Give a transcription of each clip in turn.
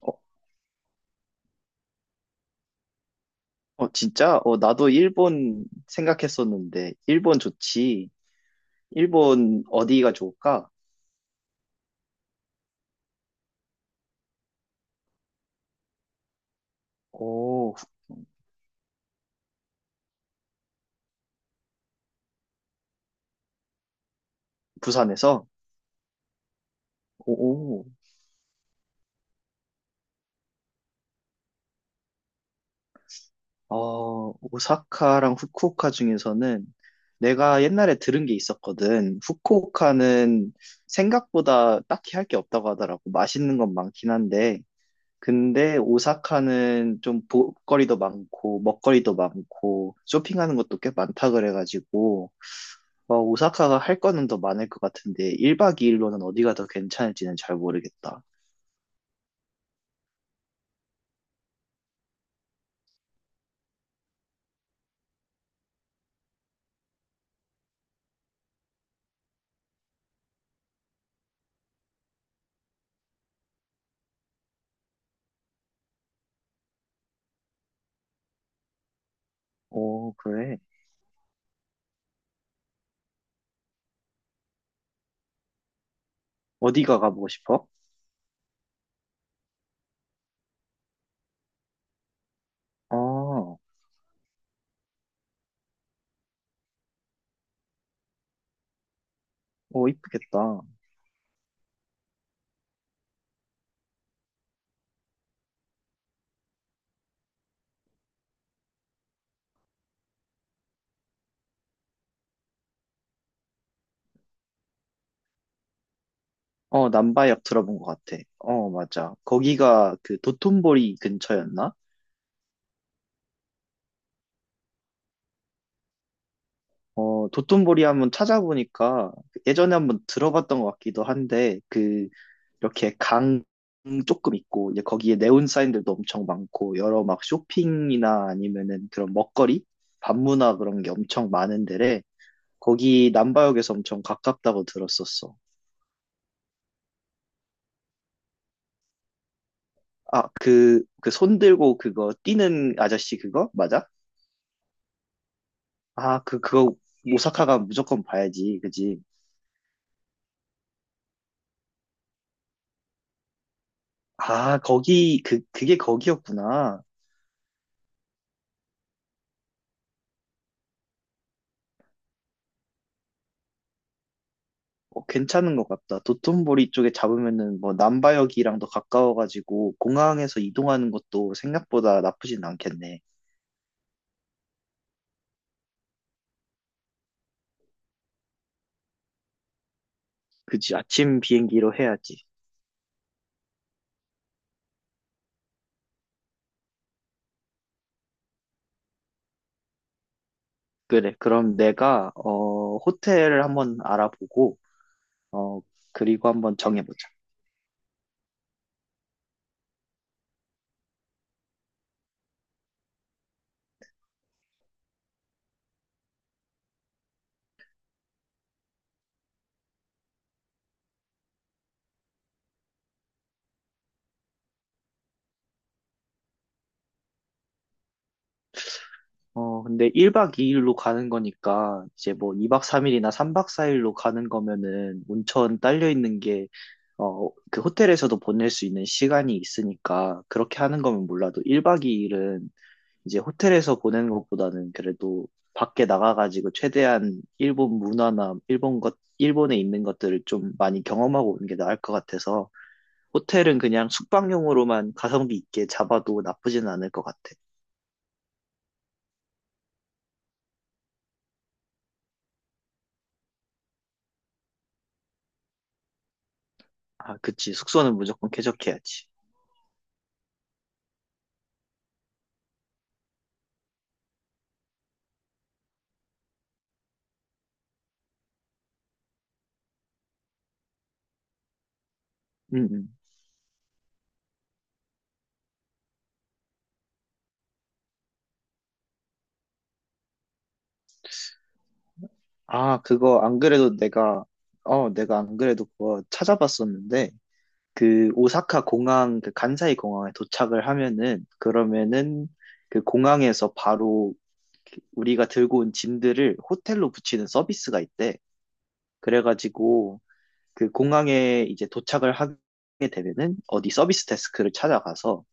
어, 어, 진짜? 어, 나도 일본 생각했었는데, 일본 좋지. 일본 어디가 좋을까? 오, 부산에서? 오, 오. 어, 오사카랑 후쿠오카 중에서는 내가 옛날에 들은 게 있었거든. 후쿠오카는 생각보다 딱히 할 게 없다고 하더라고. 맛있는 건 많긴 한데. 근데 오사카는 좀 볼거리도 많고, 먹거리도 많고, 쇼핑하는 것도 꽤 많다 그래가지고, 오사카가 할 거는 더 많을 것 같은데, 1박 2일로는 어디가 더 괜찮을지는 잘 모르겠다. 오, 그래. 어디가 가보고 싶어? 아, 어, 오, 이쁘겠다. 어, 남바역 들어본 것 같아. 어, 맞아. 거기가 그 도톤보리 근처였나? 어, 도톤보리 한번 찾아보니까 예전에 한번 들어봤던 것 같기도 한데, 그 이렇게 강 조금 있고 이제 거기에 네온 사인들도 엄청 많고 여러 막 쇼핑이나 아니면은 그런 먹거리, 밤문화 그런 게 엄청 많은 데래. 거기 남바역에서 엄청 가깝다고 들었었어. 아, 그 손 들고 그거 뛰는 아저씨 그거? 맞아? 아, 그거. 오사카가 무조건 봐야지. 그지? 아, 거기, 그게 거기였구나. 어, 괜찮은 것 같다. 도톤보리 쪽에 잡으면은 뭐 남바역이랑도 가까워가지고 공항에서 이동하는 것도 생각보다 나쁘진 않겠네. 그지? 아침 비행기로 해야지. 그래. 그럼 내가 호텔을 한번 알아보고 어 그리고 한번 정해보자. 근데 1박 2일로 가는 거니까 이제 뭐 2박 3일이나 3박 4일로 가는 거면은 온천 딸려 있는 게, 그 호텔에서도 보낼 수 있는 시간이 있으니까 그렇게 하는 거면 몰라도 1박 2일은 이제 호텔에서 보내는 것보다는 그래도 밖에 나가가지고 최대한 일본 문화나 일본 것, 일본에 있는 것들을 좀 많이 경험하고 오는 게 나을 것 같아서, 호텔은 그냥 숙박용으로만 가성비 있게 잡아도 나쁘진 않을 것 같아. 아, 그치. 숙소는 무조건 쾌적해야지. 응응. 아, 그거 안 그래도 내가 안 그래도 그거 찾아봤었는데, 그 오사카 공항, 그 간사이 공항에 도착을 하면은, 그러면은 그 공항에서 바로 우리가 들고 온 짐들을 호텔로 붙이는 서비스가 있대. 그래가지고 그 공항에 이제 도착을 하게 되면은 어디 서비스 데스크를 찾아가서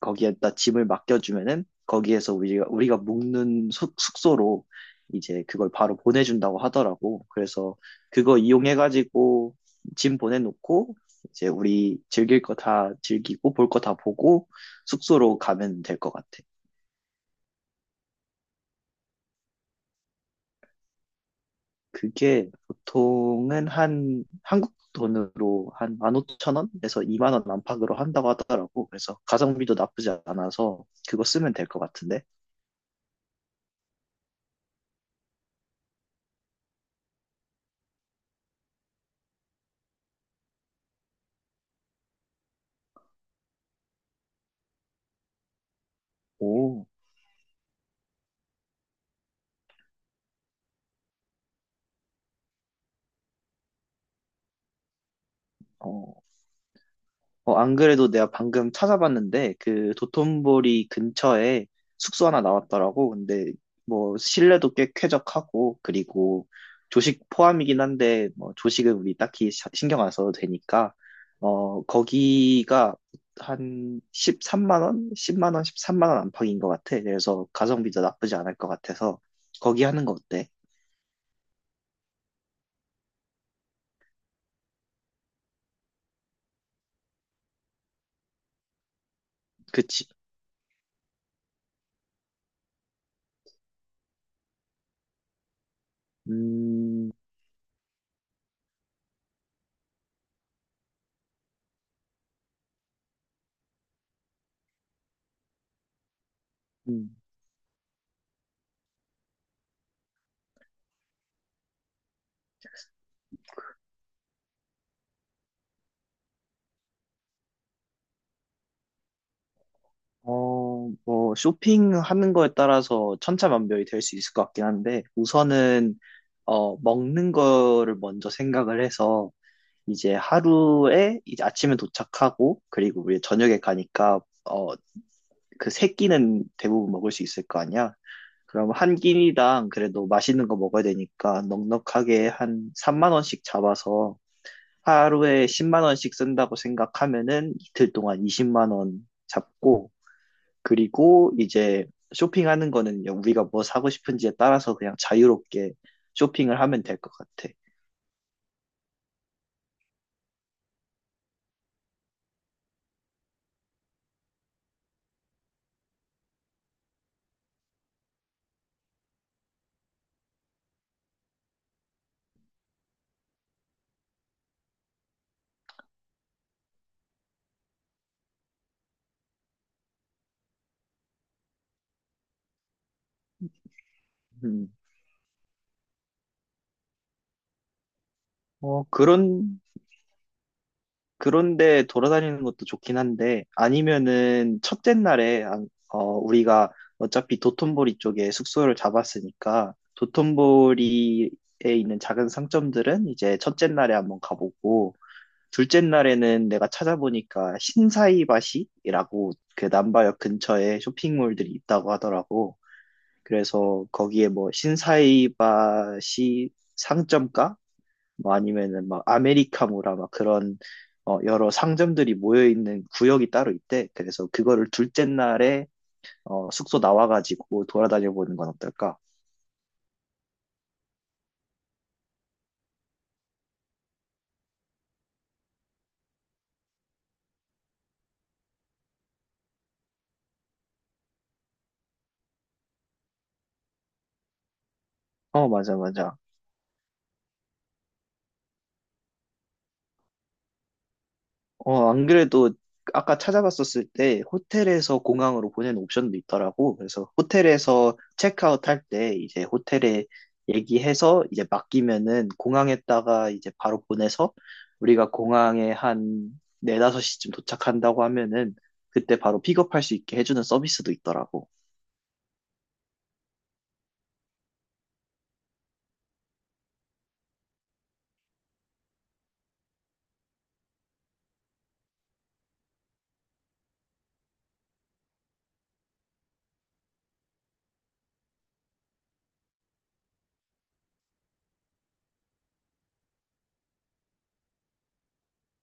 거기에다 짐을 맡겨주면은 거기에서 우리가 묵는 숙소로 이제 그걸 바로 보내준다고 하더라고. 그래서 그거 이용해가지고 짐 보내놓고 이제 우리 즐길 거 다 즐기고 볼 거 다 보고 숙소로 가면 될 것 같아. 그게 보통은 한 한국 돈으로 한 15,000원에서 2만 원 안팎으로 한다고 하더라고. 그래서 가성비도 나쁘지 않아서 그거 쓰면 될 것 같은데. 오, 어, 안 그래도 내가 방금 찾아봤는데, 그 도톤보리 근처에 숙소 하나 나왔더라고. 근데 뭐 실내도 꽤 쾌적하고, 그리고 조식 포함이긴 한데, 뭐 조식은 우리 딱히 신경 안 써도 되니까, 거기가 한 13만 원? 10만 원, 13만 원 안팎인 것 같아. 그래서 가성비도 나쁘지 않을 것 같아서, 거기 하는 거 어때? 그치? 음, 음. 뭐, 쇼핑하는 거에 따라서 천차만별이 될 수 있을 것 같긴 한데, 우선은, 먹는 거를 먼저 생각을 해서, 이제 하루에, 이제 아침에 도착하고, 그리고 우리 저녁에 가니까, 그 세 끼는 대부분 먹을 수 있을 거 아니야? 그럼 한 끼니당 그래도 맛있는 거 먹어야 되니까, 넉넉하게 한 3만 원씩 잡아서, 하루에 10만 원씩 쓴다고 생각하면은, 이틀 동안 20만 원 잡고, 그리고 이제 쇼핑하는 거는 우리가 뭐 사고 싶은지에 따라서 그냥 자유롭게 쇼핑을 하면 될 것 같아. 음. 어, 그런, 그런데 돌아다니는 것도 좋긴 한데, 아니면은 첫째 날에, 우리가 어차피 도톤보리 쪽에 숙소를 잡았으니까, 도톤보리에 있는 작은 상점들은 이제 첫째 날에 한번 가보고, 둘째 날에는 내가 찾아보니까 신사이바시라고 그 남바역 근처에 쇼핑몰들이 있다고 하더라고. 그래서 거기에 뭐 신사이바시 상점가, 뭐 아니면은 막 아메리카노라 막 그런, 여러 상점들이 모여 있는 구역이 따로 있대. 그래서 그거를 둘째 날에 숙소 나와가지고 돌아다녀 보는 건 어떨까? 어, 맞아, 맞아. 어, 안 그래도 아까 찾아봤었을 때 호텔에서 공항으로 보내는 옵션도 있더라고. 그래서 호텔에서 체크아웃 할 때 이제 호텔에 얘기해서 이제 맡기면은 공항에다가 이제 바로 보내서 우리가 공항에 한 4, 5시쯤 도착한다고 하면은 그때 바로 픽업할 수 있게 해주는 서비스도 있더라고.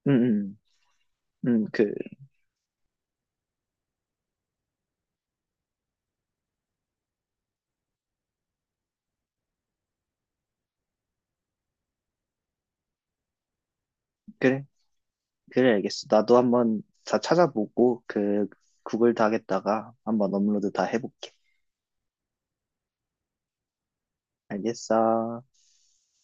응, 응, 응, 그래, 그래, 알겠어. 나도 한번 다 찾아보고 그 구글 닥에다가 한번 업로드 다 해볼게. 알겠어.